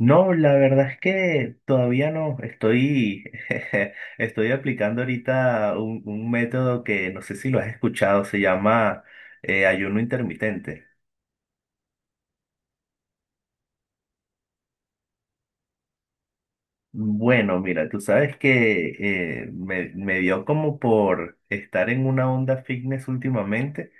No, la verdad es que todavía no estoy. Estoy aplicando ahorita un método que no sé si lo has escuchado, se llama ayuno intermitente. Bueno, mira, tú sabes que me dio como por estar en una onda fitness últimamente.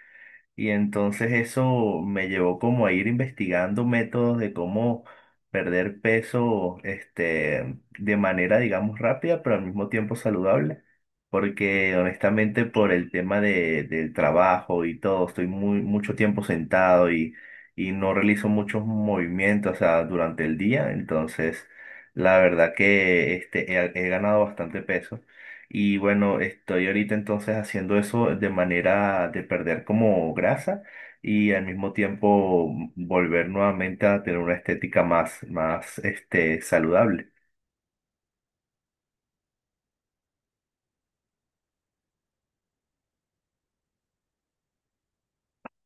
Y entonces eso me llevó como a ir investigando métodos de cómo perder peso, este, de manera, digamos, rápida, pero al mismo tiempo saludable. Porque honestamente por el tema del trabajo y todo, estoy muy, mucho tiempo sentado y no realizo muchos movimientos, o sea, durante el día. Entonces, la verdad que este, he ganado bastante peso. Y bueno, estoy ahorita entonces haciendo eso de manera de perder como grasa y al mismo tiempo volver nuevamente a tener una estética más, más este, saludable.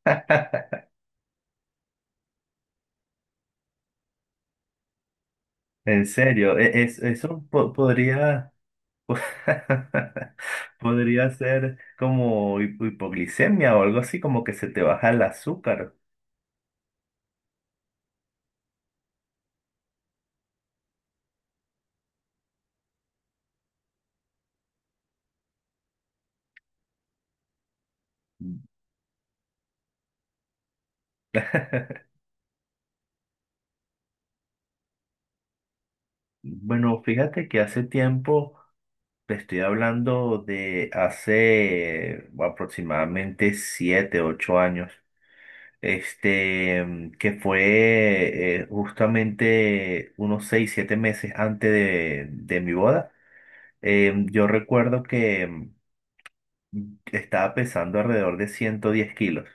En serio, eso podría, podría ser como hipoglicemia o algo así, como que se te baja el azúcar. Bueno, fíjate que hace tiempo. Te estoy hablando de hace aproximadamente siete, ocho años, este, que fue justamente unos seis, siete meses antes de mi boda. Yo recuerdo que estaba pesando alrededor de 110 kilos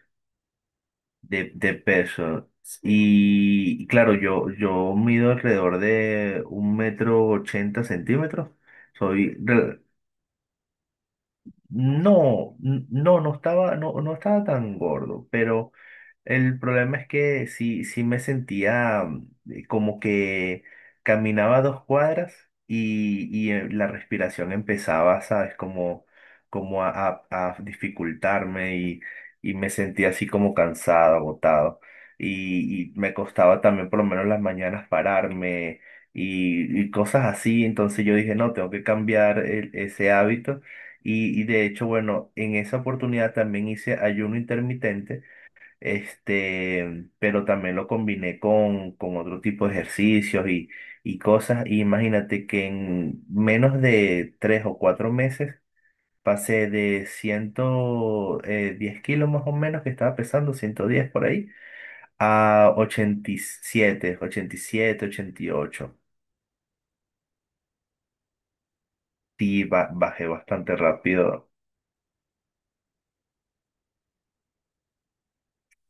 de peso. Y claro, yo mido alrededor de un metro ochenta centímetros. Soy re- No, no, no estaba, no, no estaba tan gordo, pero el problema es que sí, sí me sentía como que caminaba dos cuadras la respiración empezaba, ¿sabes? Como, como a, a dificultarme y me sentía así como cansado, agotado. Y me costaba también por lo menos las mañanas pararme y cosas así. Entonces yo dije, no, tengo que cambiar ese hábito. Y de hecho, bueno, en esa oportunidad también hice ayuno intermitente este, pero también lo combiné con otro tipo de ejercicios y cosas. Y imagínate que en menos de tres o cuatro meses pasé de ciento diez kilos más o menos, que estaba pesando ciento diez por ahí, a 87, siete, ochenta y ocho. Sí, bajé bastante rápido.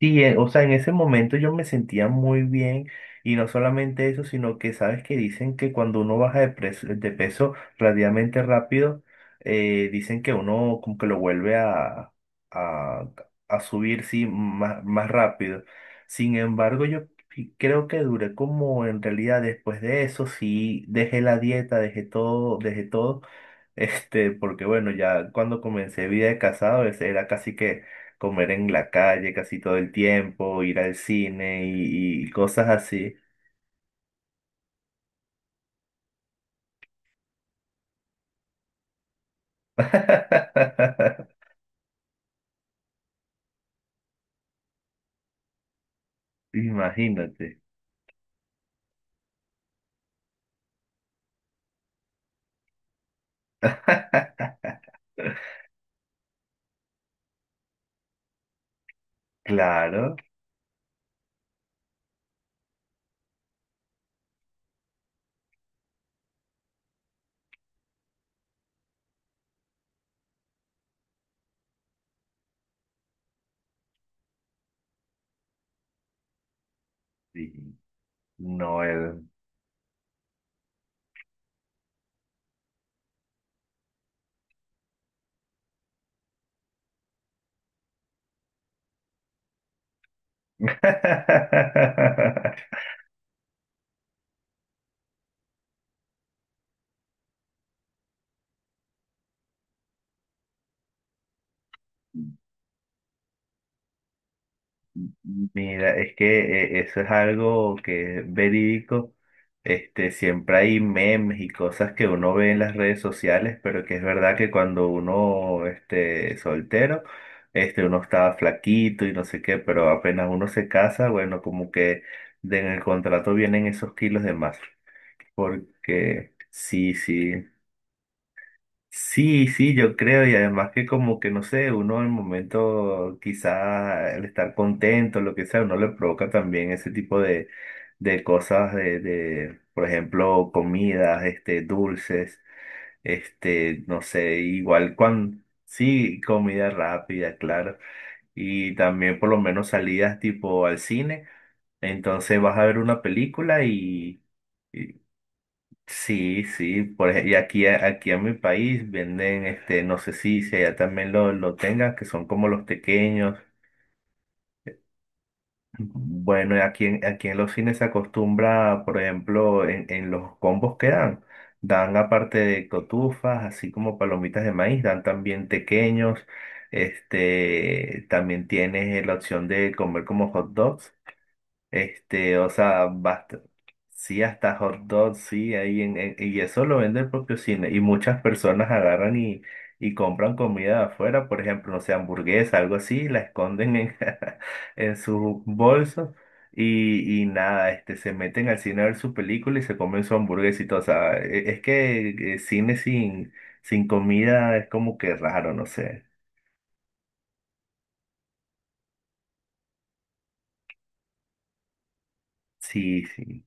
Sí, o sea, en ese momento yo me sentía muy bien y no solamente eso, sino que sabes que dicen que cuando uno baja de peso relativamente rápido, dicen que uno como que lo vuelve a, a subir, sí, más, más rápido. Sin embargo, yo sí creo que duré como en realidad después de eso, sí, dejé la dieta, dejé todo, dejé todo. Este, porque bueno, ya cuando comencé vida de casado, ese era casi que comer en la calle casi todo el tiempo, ir al cine y cosas así. Imagínate. Claro, sí, Noel. Mira, es que eso es algo que es verídico. Este, siempre hay memes y cosas que uno ve en las redes sociales, pero que es verdad que cuando uno este, es soltero, este, uno estaba flaquito y no sé qué, pero apenas uno se casa, bueno, como que de en el contrato vienen esos kilos de más. Porque sí, sí. Sí, sí, yo creo, y además que como que no sé, uno en el momento quizá el estar contento, lo que sea, uno le provoca también ese tipo de cosas de, por ejemplo, comidas, este, dulces, este, no sé, igual cuando, sí, comida rápida, claro, y también por lo menos salidas tipo al cine, entonces vas a ver una película y. Sí, sí, por y aquí, aquí en mi país venden, este, no sé si, si allá también lo tengan, que son como los tequeños. Bueno, y aquí en, aquí en los cines se acostumbra, por ejemplo, en los combos que dan, dan aparte de cotufas, así como palomitas de maíz, dan también tequeños, este, también tienes la opción de comer como hot dogs. Este, o sea, basta. Sí, hasta hot dog, sí, ahí en- y eso lo vende el propio cine. Y muchas personas agarran y compran comida de afuera, por ejemplo, no sé, hamburguesa, algo así, la esconden en, en su bolso y nada, este, se meten al cine a ver su película y se comen su hamburguesa y todo. O sea, es que cine sin, sin comida es como que raro, no sé. Sí, sí.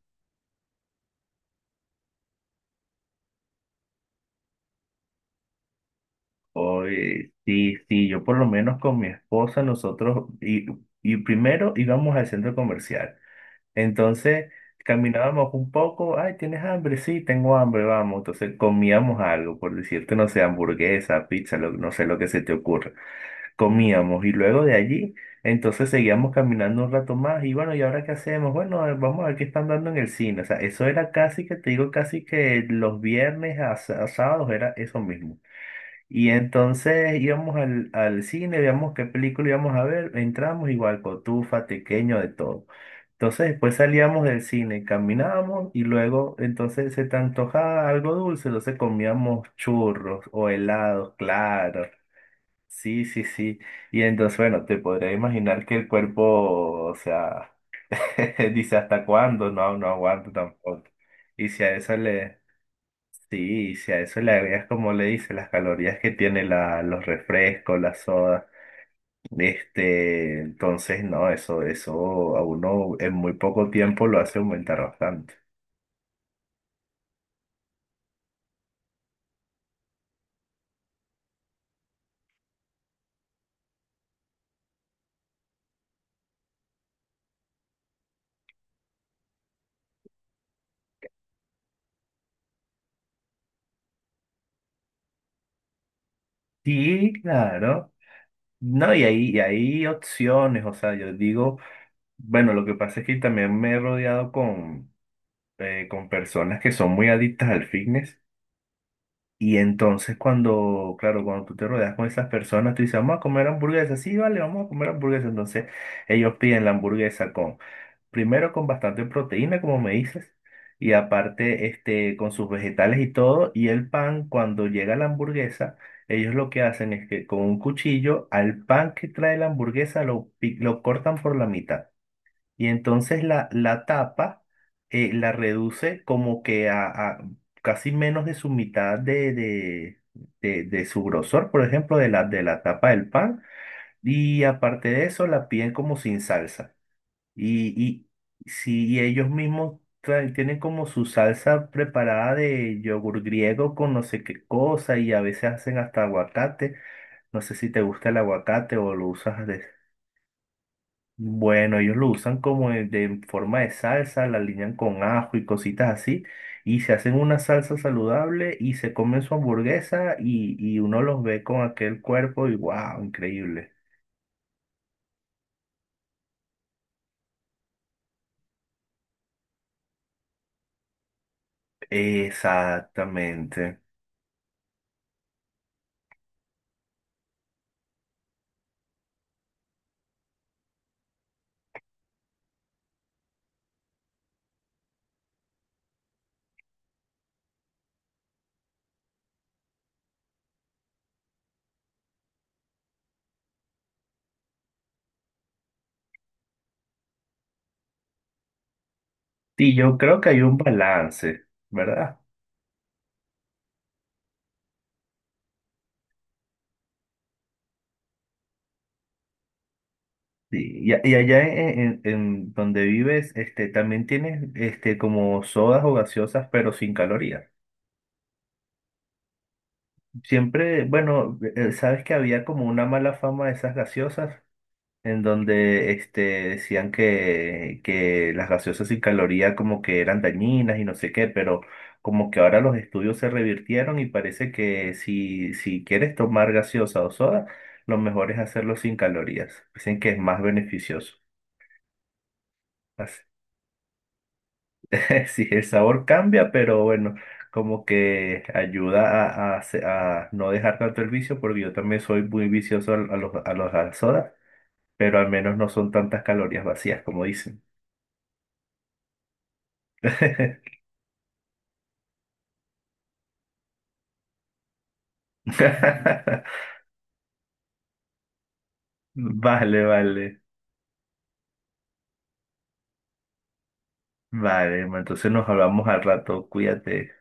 Oye, sí, sí, yo por lo menos con mi esposa, nosotros, y primero íbamos al centro comercial. Entonces, caminábamos un poco, ay, ¿tienes hambre? Sí, tengo hambre, vamos. Entonces, comíamos algo, por decirte, no sé, hamburguesa, pizza, lo- no sé lo que se te ocurra. Comíamos y luego de allí, entonces seguíamos caminando un rato más y bueno, ¿y ahora qué hacemos? Bueno, a ver, vamos a ver qué están dando en el cine. O sea, eso era casi que, te digo, casi que los viernes a a sábados era eso mismo. Y entonces íbamos al cine, veíamos qué película íbamos a ver, entramos igual, cotufa, tequeño, de todo. Entonces después salíamos del cine, caminábamos y luego entonces se te antojaba algo dulce, entonces comíamos churros o helados, claro. Sí, sí, sí. Y entonces, bueno, te podrás imaginar que el cuerpo, o sea, dice hasta cuándo, no, no aguanto tampoco. Y si a eso le. Sí, si a eso le agregas, como le dice, las calorías que tiene la, los refrescos, las sodas, este, entonces no, eso a uno en muy poco tiempo lo hace aumentar bastante. Sí, claro. No, y hay opciones, o sea, yo digo, bueno, lo que pasa es que también me he rodeado con personas que son muy adictas al fitness. Y entonces cuando, claro, cuando tú te rodeas con esas personas, tú dices, vamos a comer hamburguesa. Sí, vale, vamos a comer hamburguesa. Entonces ellos piden la hamburguesa con, primero con bastante proteína, como me dices, y aparte este, con sus vegetales y todo. Y el pan, cuando llega la hamburguesa, ellos lo que hacen es que con un cuchillo al pan que trae la hamburguesa lo, lo cortan por la mitad. Y entonces la tapa la reduce como que a casi menos de su mitad de, de su grosor, por ejemplo, de la tapa del pan. Y aparte de eso, la piden como sin salsa. Y, y si ellos mismos traen- tienen como su salsa preparada de yogur griego con no sé qué cosa, y a veces hacen hasta aguacate. No sé si te gusta el aguacate o lo usas bueno, ellos lo usan como de forma de salsa, la alinean con ajo y cositas así, y se hacen una salsa saludable y se comen su hamburguesa y uno los ve con aquel cuerpo y wow, increíble. Exactamente. Y yo creo que hay un balance, ¿verdad? Sí, Y, y allá en, en donde vives, este, también tienes este, como sodas o gaseosas, pero sin calorías. Siempre, bueno, sabes que había como una mala fama de esas gaseosas en donde este, decían que las gaseosas sin caloría como que eran dañinas y no sé qué, pero como que ahora los estudios se revirtieron y parece que si, si quieres tomar gaseosa o soda, lo mejor es hacerlo sin calorías. Dicen que es más beneficioso. Así- Sí, el sabor cambia, pero bueno, como que ayuda a, a no dejar tanto el vicio, porque yo también soy muy vicioso a, a los a las sodas, pero al menos no son tantas calorías vacías como dicen. Vale, vale, vale. Ma, entonces nos hablamos al rato. Cuídate.